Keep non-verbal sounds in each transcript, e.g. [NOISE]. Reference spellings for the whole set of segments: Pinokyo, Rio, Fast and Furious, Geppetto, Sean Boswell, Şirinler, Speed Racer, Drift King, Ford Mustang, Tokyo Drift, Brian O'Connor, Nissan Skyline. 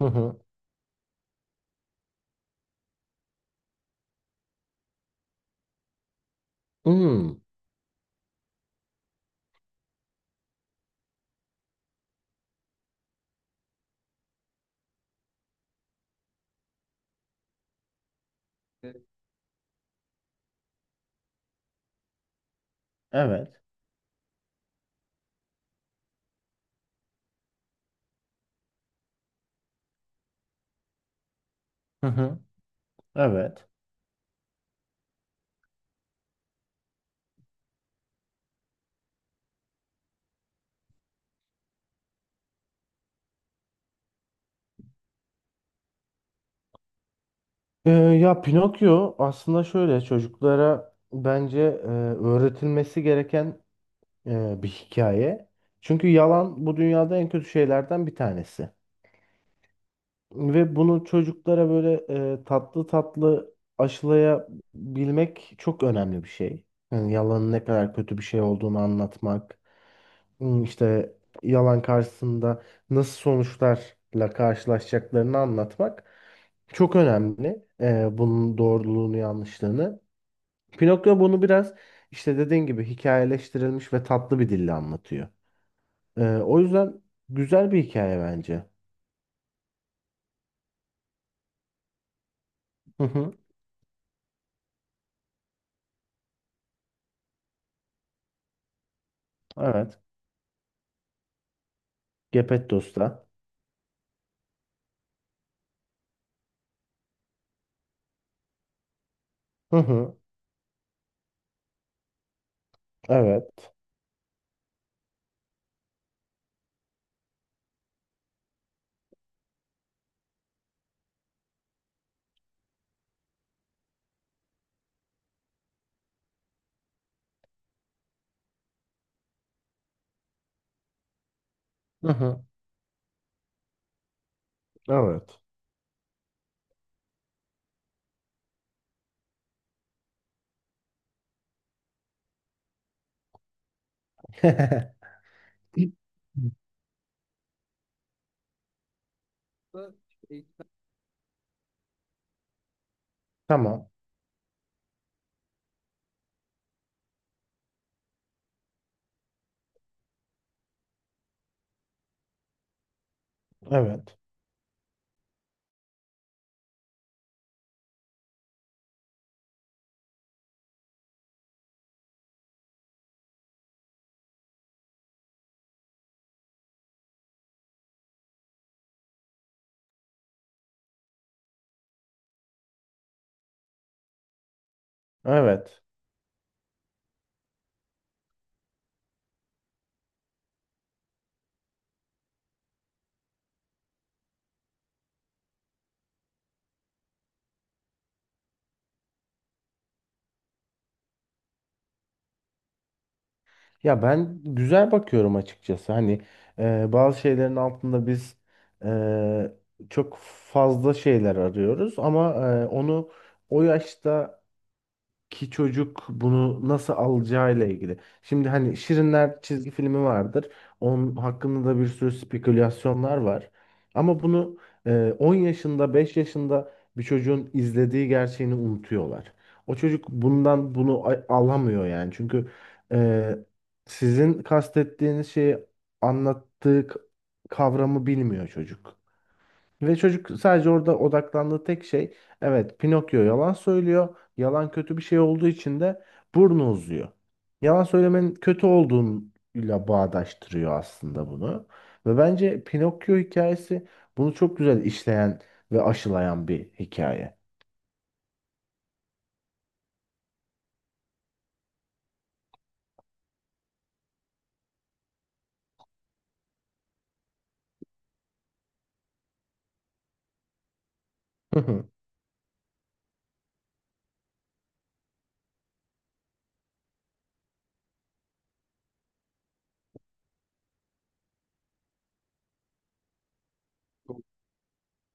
Hı hı. Hmm. Evet. Hı hı, evet. Ya Pinokyo aslında şöyle çocuklara bence öğretilmesi gereken bir hikaye. Çünkü yalan bu dünyada en kötü şeylerden bir tanesi. Ve bunu çocuklara böyle tatlı tatlı aşılayabilmek çok önemli bir şey. Yani yalanın ne kadar kötü bir şey olduğunu anlatmak, işte yalan karşısında nasıl sonuçlarla karşılaşacaklarını anlatmak. Çok önemli bunun doğruluğunu yanlışlığını. Pinokyo bunu biraz işte dediğin gibi hikayeleştirilmiş ve tatlı bir dille anlatıyor. O yüzden güzel bir hikaye bence. Hı hı, evet. Geppetto'sta. Hı hı, evet. Hı hı, evet. [LAUGHS] Tamam. Evet. Evet. Ya ben güzel bakıyorum açıkçası. Hani bazı şeylerin altında biz e, çok fazla şeyler arıyoruz ama onu o yaşta ki çocuk bunu nasıl alacağıyla ilgili. Şimdi hani Şirinler çizgi filmi vardır. Onun hakkında da bir sürü spekülasyonlar var. Ama bunu 10 yaşında, 5 yaşında bir çocuğun izlediği gerçeğini unutuyorlar. O çocuk bundan bunu alamıyor yani. Çünkü e, sizin kastettiğiniz şeyi anlattığı, kavramı bilmiyor çocuk. Ve çocuk sadece orada odaklandığı tek şey evet Pinokyo yalan söylüyor. Yalan kötü bir şey olduğu için de burnu uzuyor. Yalan söylemenin kötü olduğuyla bağdaştırıyor aslında bunu. Ve bence Pinokyo hikayesi bunu çok güzel işleyen ve aşılayan bir hikaye. Hı hı.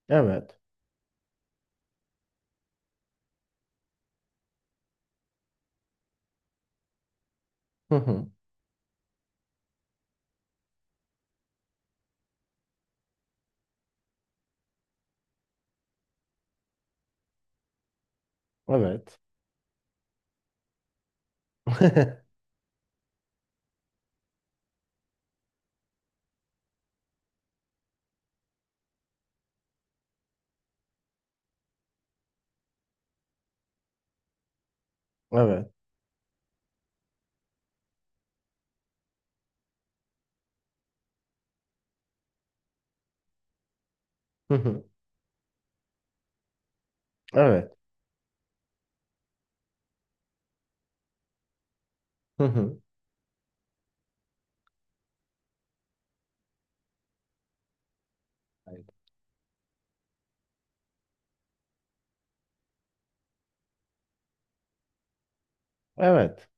Evet. Hı hı. Evet. [LAUGHS] Evet. Hı hı. Evet. Hı hı. Evet.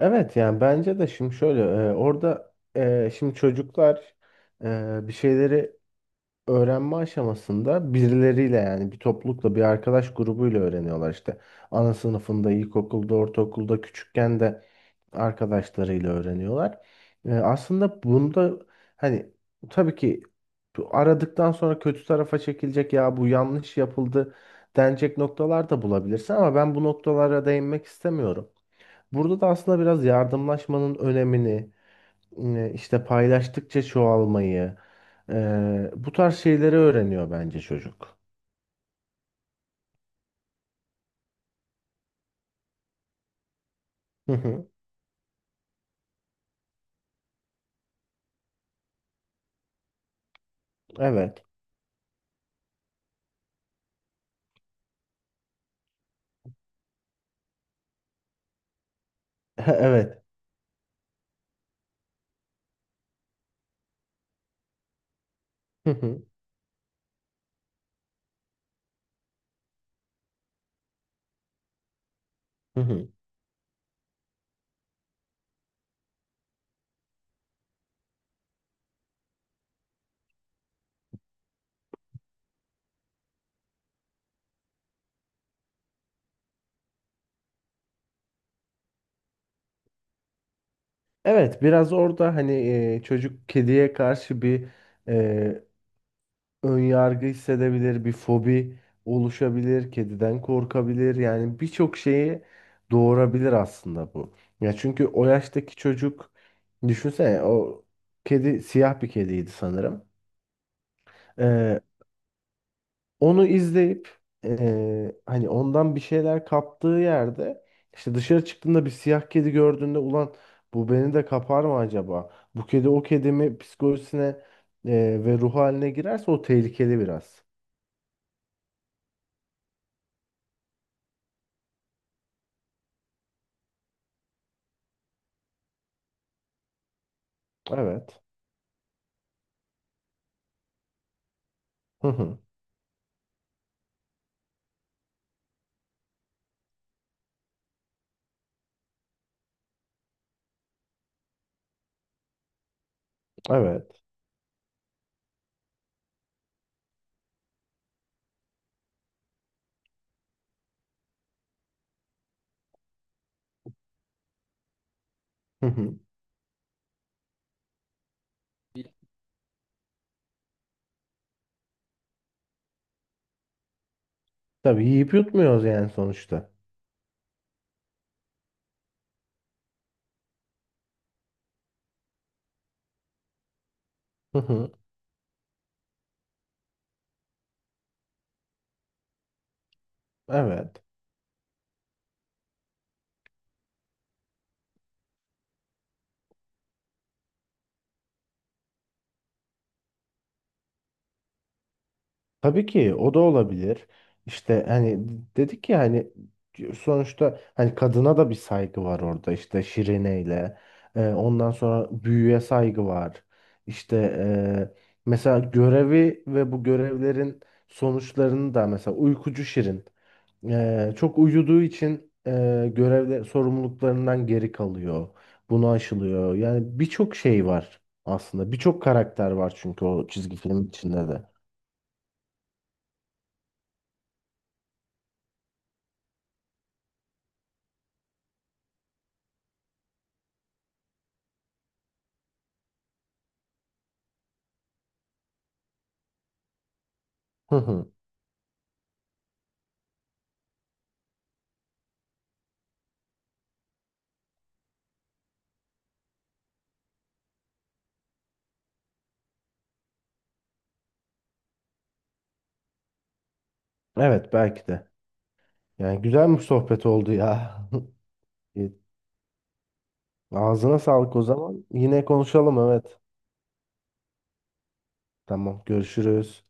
Evet yani bence de şimdi şöyle orada şimdi çocuklar bir şeyleri öğrenme aşamasında birileriyle yani bir toplulukla bir arkadaş grubuyla öğreniyorlar işte ana sınıfında ilkokulda ortaokulda küçükken de arkadaşlarıyla öğreniyorlar. Aslında bunda hani tabii ki bu aradıktan sonra kötü tarafa çekilecek ya bu yanlış yapıldı denecek noktalar da bulabilirsin ama ben bu noktalara değinmek istemiyorum. Burada da aslında biraz yardımlaşmanın önemini, işte paylaştıkça çoğalmayı, bu tarz şeyleri öğreniyor bence çocuk. Hı hı, evet. [LAUGHS] Evet. Hı hı, hı hı. Evet, biraz orada hani çocuk kediye karşı bir e, önyargı hissedebilir, bir fobi oluşabilir, kediden korkabilir. Yani birçok şeyi doğurabilir aslında bu. Ya çünkü o yaştaki çocuk düşünsene o kedi siyah bir kediydi sanırım. Ee, onu izleyip hani ondan bir şeyler kaptığı yerde işte dışarı çıktığında bir siyah kedi gördüğünde ulan bu beni de kapar mı acaba? Bu kedi o kedimi psikolojisine ve ruh haline girerse o tehlikeli biraz. Evet. Hı hı. Evet. Hı hı. Tabii yiyip yutmuyoruz yani sonuçta. Hı hı. Evet. Tabii ki o da olabilir. İşte hani dedik ya hani sonuçta hani kadına da bir saygı var orada işte Şirine'yle. Ondan sonra büyüye saygı var. İşte mesela görevi ve bu görevlerin sonuçlarını da mesela uykucu Şirin çok uyuduğu için görevde sorumluluklarından geri kalıyor. Bunu aşılıyor. Yani birçok şey var aslında. Birçok karakter var çünkü o çizgi film içinde de. Hı hı. Evet belki de. Yani güzel bir sohbet oldu ya. [LAUGHS] E, ağzına sağlık o zaman. Yine konuşalım evet. Tamam görüşürüz.